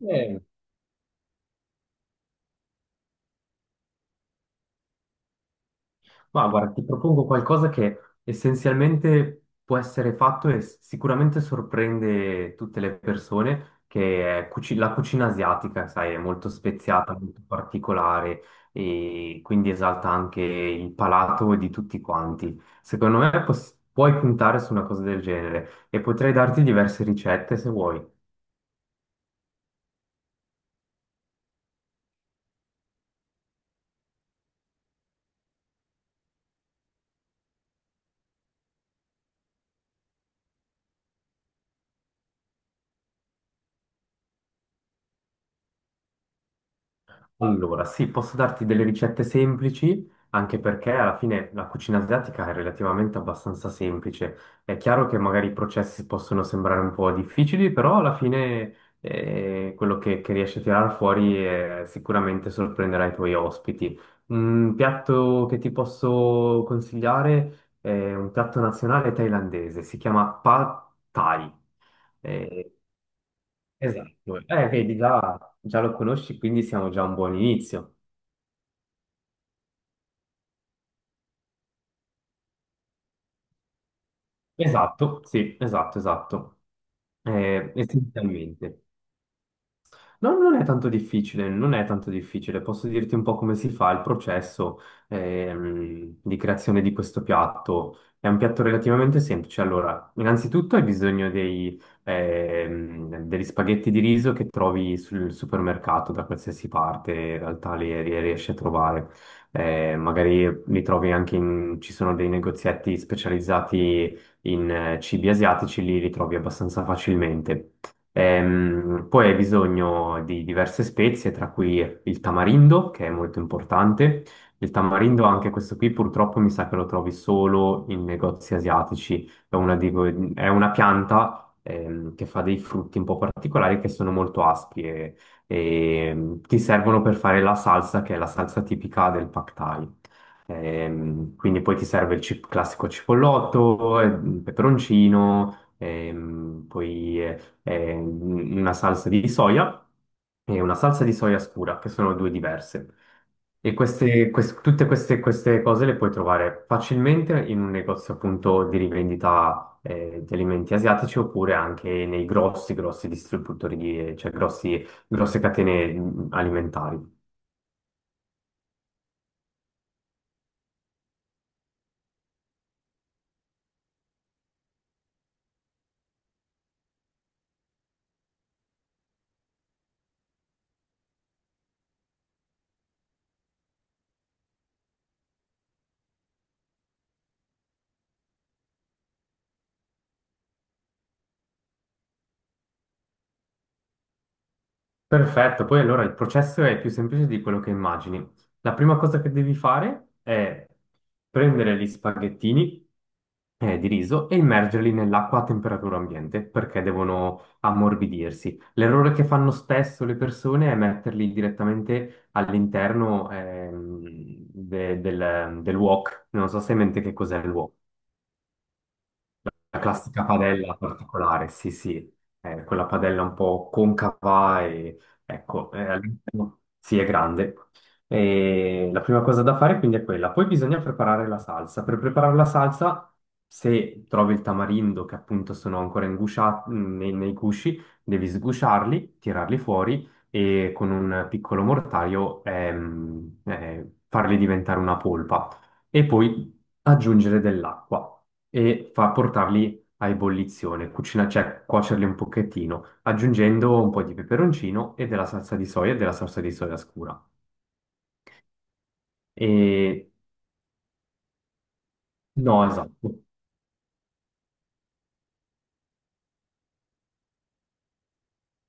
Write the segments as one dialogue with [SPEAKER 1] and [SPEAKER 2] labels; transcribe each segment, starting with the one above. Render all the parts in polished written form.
[SPEAKER 1] Eh, ma guarda, ti propongo qualcosa che essenzialmente può essere fatto e sicuramente sorprende tutte le persone, che è la cucina asiatica, sai, è molto speziata, molto particolare e quindi esalta anche il palato di tutti quanti. Secondo me puoi puntare su una cosa del genere e potrei darti diverse ricette se vuoi. Allora, sì, posso darti delle ricette semplici, anche perché alla fine la cucina asiatica è relativamente abbastanza semplice. È chiaro che magari i processi possono sembrare un po' difficili, però alla fine quello che riesci a tirare fuori sicuramente sorprenderà i tuoi ospiti. Un piatto che ti posso consigliare è un piatto nazionale thailandese, si chiama Pad Thai. Eh, esatto, vedi, già lo conosci, quindi siamo già a un buon inizio. Esatto, sì, esatto, esatto, essenzialmente. No, non è tanto difficile, non è tanto difficile. Posso dirti un po' come si fa il processo di creazione di questo piatto. È un piatto relativamente semplice. Allora, innanzitutto hai bisogno degli spaghetti di riso che trovi sul supermercato da qualsiasi parte, in realtà li riesci a trovare. Magari li trovi anche in, ci sono dei negozietti specializzati in cibi asiatici, li ritrovi abbastanza facilmente. Poi hai bisogno di diverse spezie, tra cui il tamarindo, che è molto importante. Il tamarindo, anche questo qui, purtroppo mi sa che lo trovi solo in negozi asiatici. È una, è una pianta che fa dei frutti un po' particolari che sono molto aspri e ti servono per fare la salsa, che è la salsa tipica del Pad Thai. Quindi poi ti serve il classico cipollotto, peperoncino, poi una salsa di soia e una salsa di soia scura, che sono due diverse. E queste, quest- tutte queste, queste cose le puoi trovare facilmente in un negozio appunto di rivendita di alimenti asiatici oppure anche nei grossi distributori, cioè grosse catene alimentari. Perfetto, poi allora il processo è più semplice di quello che immagini. La prima cosa che devi fare è prendere gli spaghettini di riso e immergerli nell'acqua a temperatura ambiente perché devono ammorbidirsi. L'errore che fanno spesso le persone è metterli direttamente all'interno del wok. Non so se hai in mente che cos'è il wok. La classica padella particolare, sì, sì, è quella padella un po' concava e ecco, all'interno- sì, è grande. E la prima cosa da fare quindi è quella. Poi bisogna preparare la salsa. Per preparare la salsa, se trovi il tamarindo che appunto sono ancora ingusciati nei gusci, devi sgusciarli, tirarli fuori e con un piccolo mortaio farli diventare una polpa e poi aggiungere dell'acqua e fa portarli a ebollizione, cucina, cioè cuocerli un pochettino, aggiungendo un po' di peperoncino e della salsa di soia e della salsa di soia scura. E no, esatto.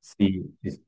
[SPEAKER 1] Sì, sì,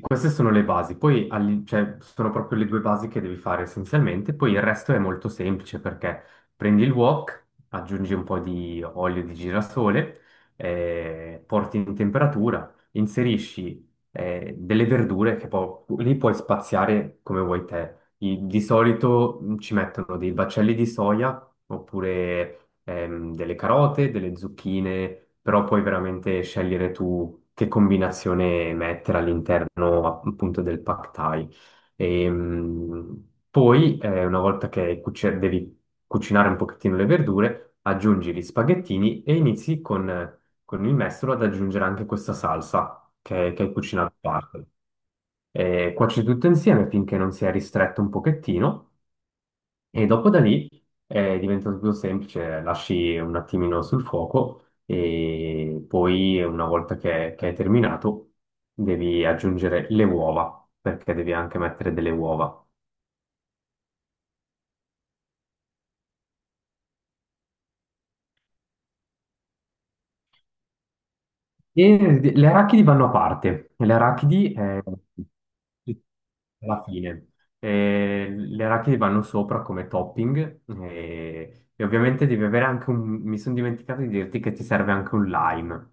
[SPEAKER 1] queste sono le basi, poi cioè, sono proprio le due basi che devi fare essenzialmente, poi il resto è molto semplice perché prendi il wok, aggiungi un po' di olio di girasole, porti in temperatura, inserisci delle verdure che poi lì puoi spaziare come vuoi te. Di solito ci mettono dei baccelli di soia oppure delle carote, delle zucchine, però puoi veramente scegliere tu che combinazione mettere all'interno appunto del pad thai. Una volta che devi cucinare un pochettino le verdure, aggiungi gli spaghettini e inizi con il mestolo ad aggiungere anche questa salsa che hai cucinato a parte. Cuoci tutto insieme finché non sia ristretto un pochettino. E dopo da lì diventa un po' più semplice, lasci un attimino sul fuoco e poi una volta che è terminato devi aggiungere le uova, perché devi anche mettere delle uova. E le arachidi vanno a parte, le arachidi alla fine. Le arachidi vanno sopra come topping e ovviamente devi avere anche un... mi sono dimenticato di dirti che ti serve anche un lime.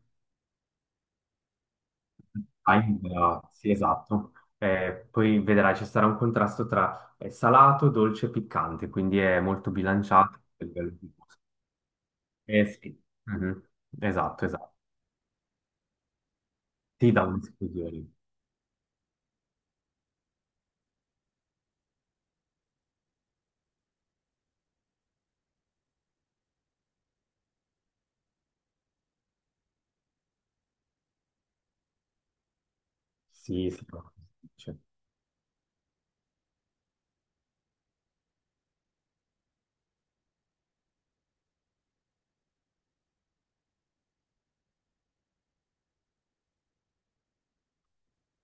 [SPEAKER 1] Time, sì, esatto. Poi vedrai, ci sarà un contrasto tra salato, dolce e piccante, quindi è molto bilanciato a livello di gusto. Eh sì. Mhm. Esatto, esatto. Ti dà un scusione. Sì, sì, sì, sì, certo.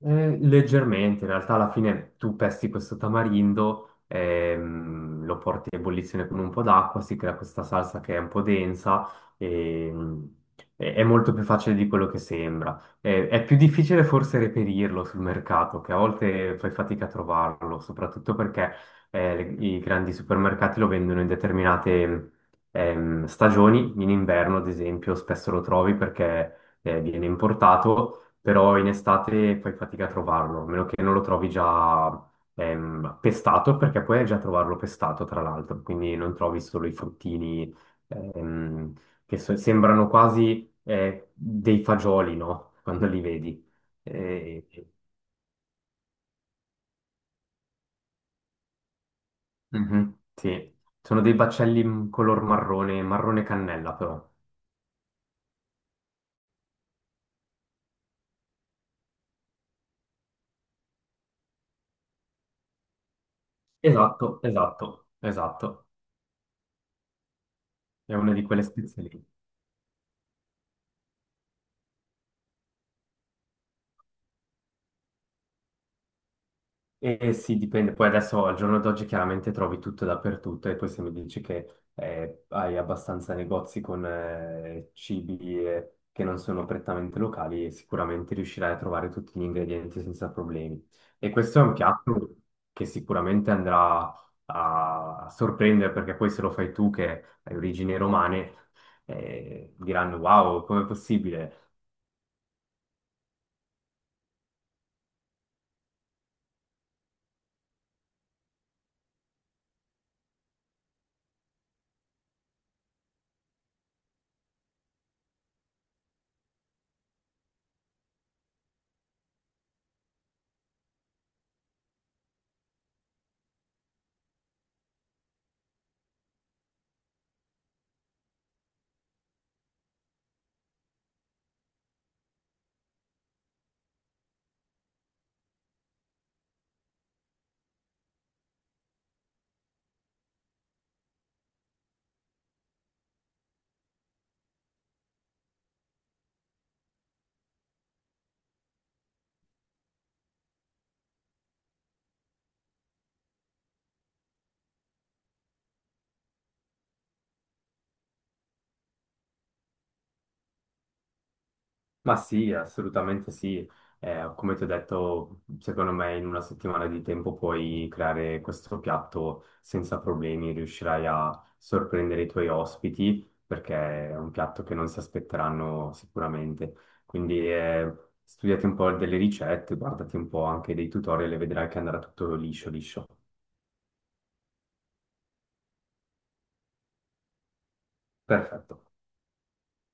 [SPEAKER 1] Leggermente, in realtà alla fine tu pesti questo tamarindo, lo porti a ebollizione con un po' d'acqua, si crea questa salsa che è un po' densa ehm, e è molto più facile di quello che sembra. È più difficile forse reperirlo sul mercato, che a volte fai fatica a trovarlo, soprattutto perché i grandi supermercati lo vendono in determinate stagioni, in inverno ad esempio spesso lo trovi perché viene importato però in estate fai fatica a trovarlo, a meno che non lo trovi già pestato, perché puoi già trovarlo pestato, tra l'altro, quindi non trovi solo i fruttini ehm, sembrano quasi dei fagioli, no? Quando li vedi. Eh, mhm, sì, sono dei baccelli in color marrone, marrone cannella però. Esatto, esatto, esatto. È una di quelle spezie lì. Eh sì, dipende. Poi adesso al giorno d'oggi chiaramente trovi tutto dappertutto e poi se mi dici che hai abbastanza negozi con cibi che non sono prettamente locali, sicuramente riuscirai a trovare tutti gli ingredienti senza problemi. E questo è un piatto che sicuramente andrà a sorprendere perché poi se lo fai tu che hai origini romane, diranno wow, com'è possibile? Ma sì, assolutamente sì. Come ti ho detto, secondo me in una settimana di tempo puoi creare questo piatto senza problemi, riuscirai a sorprendere i tuoi ospiti perché è un piatto che non si aspetteranno sicuramente. Quindi studiati un po' delle ricette, guardati un po' anche dei tutorial e vedrai che andrà tutto liscio, liscio. Perfetto.